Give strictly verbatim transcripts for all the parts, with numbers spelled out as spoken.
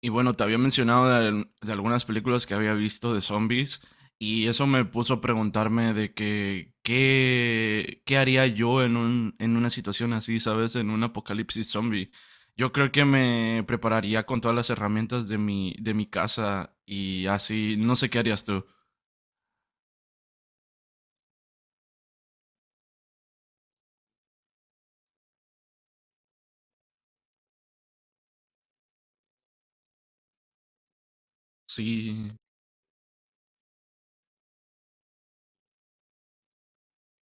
Y bueno, te había mencionado de, al- de algunas películas que había visto de zombies, y eso me puso a preguntarme de que qué qué haría yo en un en una situación así, ¿sabes? En un apocalipsis zombie. Yo creo que me prepararía con todas las herramientas de mi de mi casa y así, no sé qué harías tú. Sí,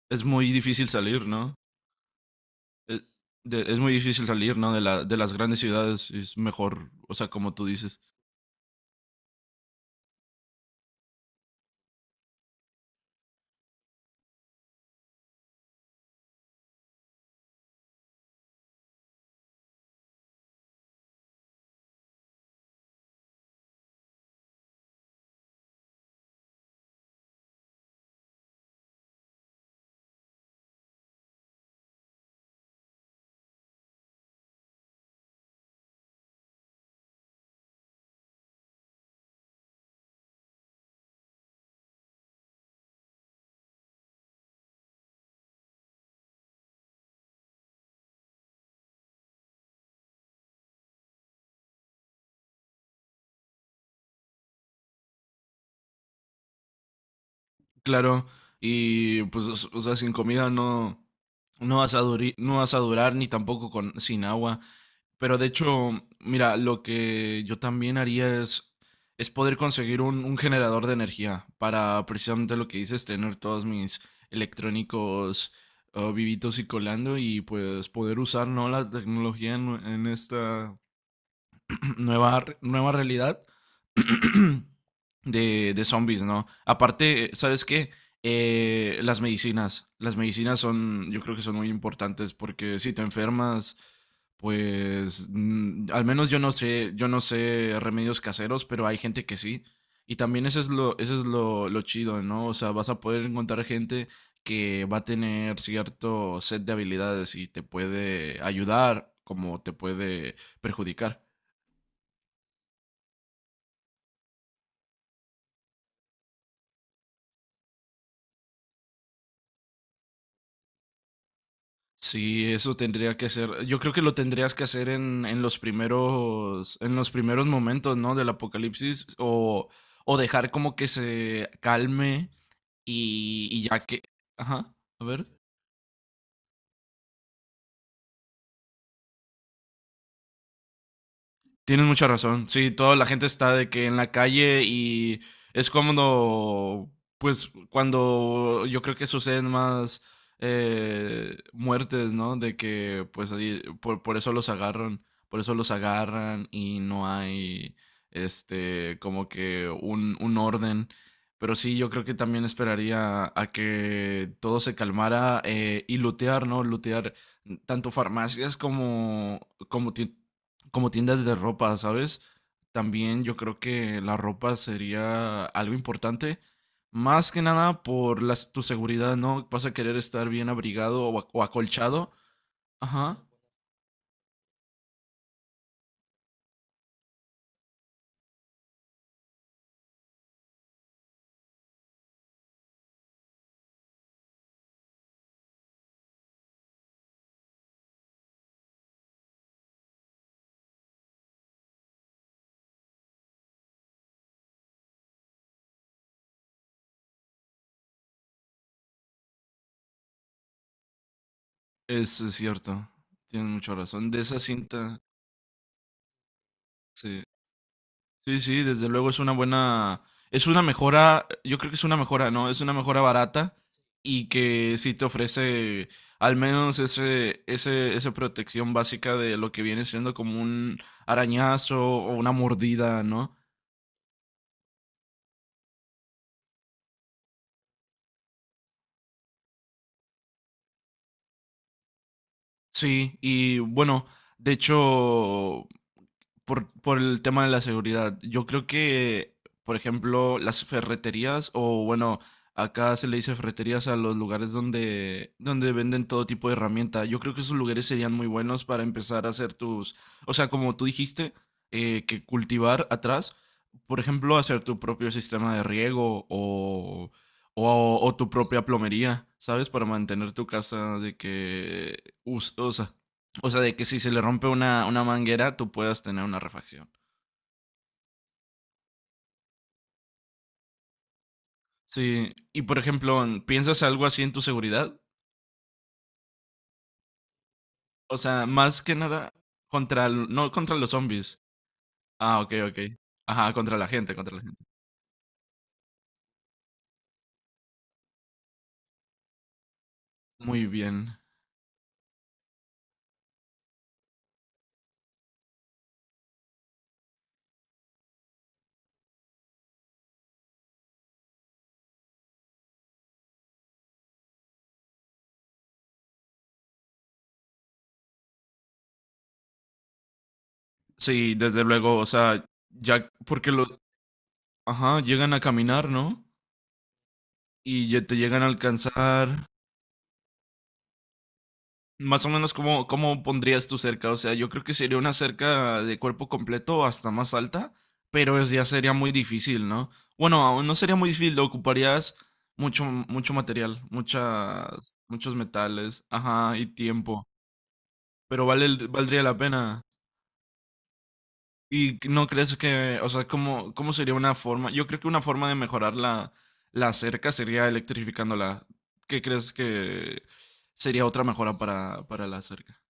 es muy difícil salir, ¿no? Es, de- es muy difícil salir, ¿no? De la, de las grandes ciudades, es mejor, o sea, como tú dices. Claro, y pues, o o sea, sin comida no, no vas a duri- no vas a durar, ni tampoco con, sin agua. Pero de hecho, mira, lo que yo también haría es, es poder conseguir un, un generador de energía para precisamente lo que dices, tener todos mis electrónicos eh, vivitos y colando, y pues poder usar, ¿no?, la tecnología en, en esta nueva, re- nueva realidad. de, de zombies, ¿no? Aparte, ¿sabes qué? Eh, las medicinas. Las medicinas son, yo creo que son muy importantes porque si te enfermas, pues mm, al menos yo no sé, yo no sé remedios caseros, pero hay gente que sí. Y también eso es lo, eso es lo, lo chido, ¿no? O sea, vas a poder encontrar gente que va a tener cierto set de habilidades y te puede ayudar como te puede perjudicar. Sí, eso tendría que ser. Yo creo que lo tendrías que hacer en, en los primeros, en los primeros momentos, ¿no? Del apocalipsis. O, o dejar como que se calme y, y ya que. Ajá. A ver. Tienes mucha razón. Sí, toda la gente está de que en la calle, y es cuando, pues, cuando yo creo que suceden más eh, muertes, ¿no? De que, pues, ahí, por, por eso los agarran, por eso los agarran, y no hay, este, como que un, un orden. Pero sí, yo creo que también esperaría a que todo se calmara, eh, y lootear, ¿no? Lootear tanto farmacias como, como ti- como tiendas de ropa, ¿sabes? También yo creo que la ropa sería algo importante. Más que nada por las- tu seguridad, ¿no? Vas a querer estar bien abrigado o, ac- o acolchado. Ajá, eso es cierto. Tienes mucha razón. De esa cinta, sí. Sí, sí, desde luego es una buena, es una mejora, yo creo que es una mejora, ¿no? Es una mejora barata y que sí te ofrece al menos ese, ese, esa protección básica de lo que viene siendo como un arañazo o una mordida, ¿no? Sí, y bueno, de hecho, por, por el tema de la seguridad. Yo creo que, por ejemplo, las ferreterías, o bueno, acá se le dice ferreterías a los lugares donde, donde venden todo tipo de herramienta. Yo creo que esos lugares serían muy buenos para empezar a hacer tus, o sea, como tú dijiste, eh, que cultivar atrás, por ejemplo, hacer tu propio sistema de riego, o, o, o tu propia plomería, ¿sabes? Para mantener tu casa de que, us- o sea, o sea, de que si se le rompe una, una manguera, tú puedas tener una refacción. Sí, y por ejemplo, ¿piensas algo así en tu seguridad? O sea, más que nada contra, el- no contra los zombies. Ah, ok, ok. Ajá, contra la gente, contra la gente. Muy bien. Sí, desde luego, o sea, ya porque los, ajá, llegan a caminar, ¿no? Y ya te llegan a alcanzar. Más o menos, ¿cómo, cómo pondrías tu cerca? O sea, yo creo que sería una cerca de cuerpo completo o hasta más alta, pero es- ya sería muy difícil, ¿no? Bueno, aún no sería muy difícil, ocuparías mucho, mucho material, muchas, muchos metales, ajá, y tiempo, pero vale, el- valdría la pena. ¿Y no crees que, o sea, cómo, cómo sería una forma? Yo creo que una forma de mejorar la, la cerca sería electrificándola. ¿Qué crees que sería otra mejora para, para la cerca?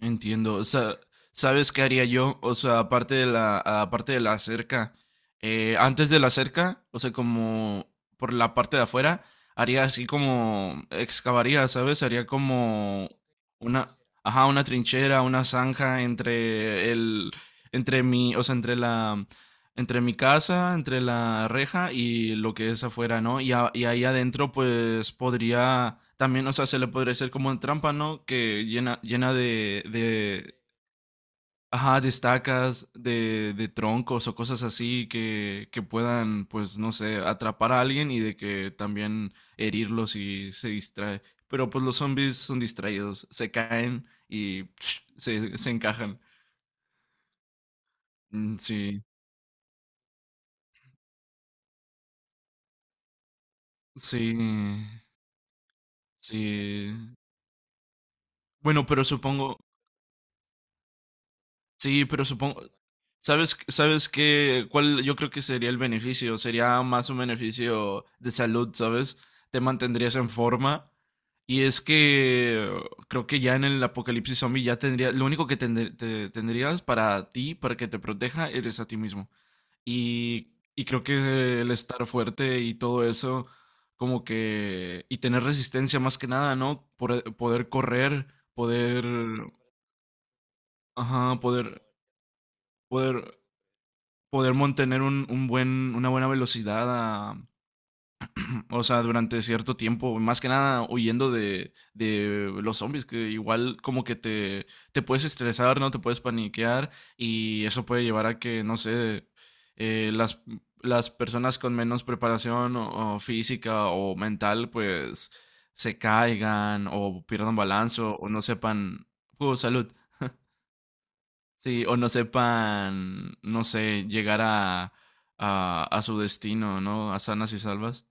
Entiendo, o sea, ¿sabes qué haría yo? O sea, aparte de la, aparte de la cerca, eh, antes de la cerca, o sea, como por la parte de afuera, haría así como, excavaría, ¿sabes? Haría como una, ajá, una trinchera, una zanja entre el, entre mi, o sea, entre la, entre mi casa, entre la reja y lo que es afuera, ¿no? Y, a- y ahí adentro, pues podría también, o sea, se le podría hacer como en trampa, ¿no? Que llena, llena de, de, ajá, de estacas, de, de troncos o cosas así que, que puedan, pues, no sé, atrapar a alguien y de que también herirlos y se distrae. Pero pues los zombies son distraídos, se caen y se, se encajan. Mm, sí, sí, sí. Bueno, pero supongo, sí, pero supongo, ¿sabes, sabes qué, cuál yo creo que sería el beneficio? Sería más un beneficio de salud, ¿sabes? Te mantendrías en forma. Y es que eh, creo que ya en el apocalipsis zombie ya tendría, lo único que tende- te- tendrías para ti, para que te proteja, eres a ti mismo. Y, y creo que eh, el estar fuerte y todo eso, como que, y tener resistencia más que nada, ¿no? Por- poder correr, poder, ajá, poder, poder, poder mantener un, un buen, una buena velocidad, a- o sea, durante cierto tiempo, más que nada huyendo de, de los zombies, que igual como que te, te puedes estresar, ¿no? Te puedes paniquear, y eso puede llevar a que, no sé, eh, las, las personas con menos preparación o- o física o mental, pues se caigan o pierdan balance, o, o no sepan, oh, salud. Sí, o no sepan, no sé, llegar a, a, a su destino, ¿no? A sanas y salvas.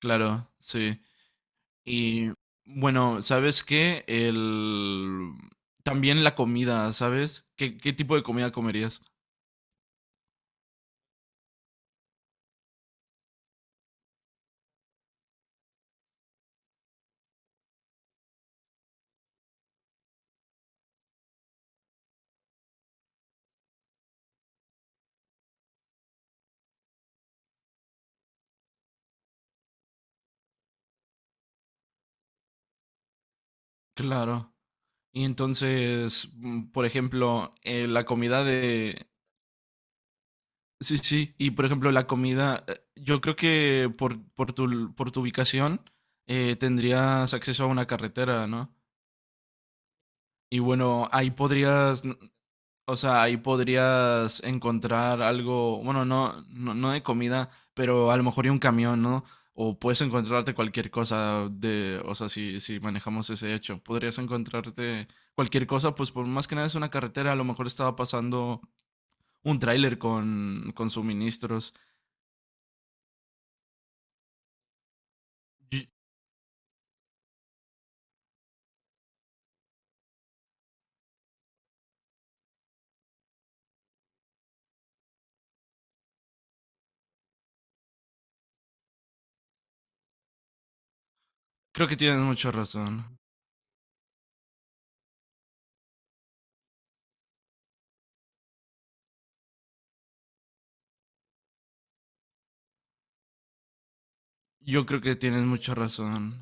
Claro, sí. Y bueno, ¿sabes qué? El... También la comida, ¿sabes? ¿Qué, qué tipo de comida comerías? Claro. Y entonces, mm, por ejemplo, eh, la comida de... Sí, sí. Y por ejemplo, la comida... eh, Yo creo que por, por tu, por tu ubicación eh, tendrías acceso a una carretera, ¿no? Y bueno, ahí podrías, o sea, ahí podrías encontrar algo, bueno, no, no, no de comida, pero a lo mejor y un camión, ¿no? O puedes encontrarte cualquier cosa de, o sea, si, si manejamos ese hecho, podrías encontrarte cualquier cosa, pues por más que nada es una carretera, a lo mejor estaba pasando un tráiler con, con suministros. Yo- Creo que tienes mucha razón. Yo creo que tienes mucha razón.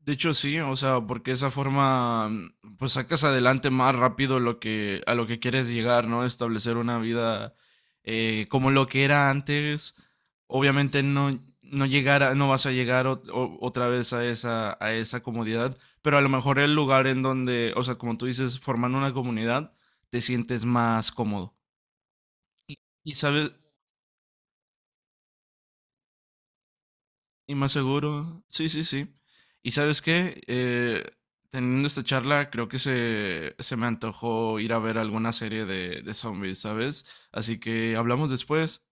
De hecho, sí, o sea, porque esa forma, mm, pues sacas adelante más rápido lo que, a lo que quieres llegar, ¿no? Establecer una vida eh, como lo que era antes. Obviamente no, no llegar a- no vas a llegar ot- o- otra vez a esa, a esa comodidad, pero a lo mejor el lugar en donde, o sea, como tú dices, formando una comunidad, te sientes más cómodo. Y, y sabes, y más seguro. Sí, sí, sí. ¿Y sabes qué? Eh, teniendo esta charla, creo que se, se me antojó ir a ver alguna serie de, de zombies, ¿sabes? Así que hablamos después.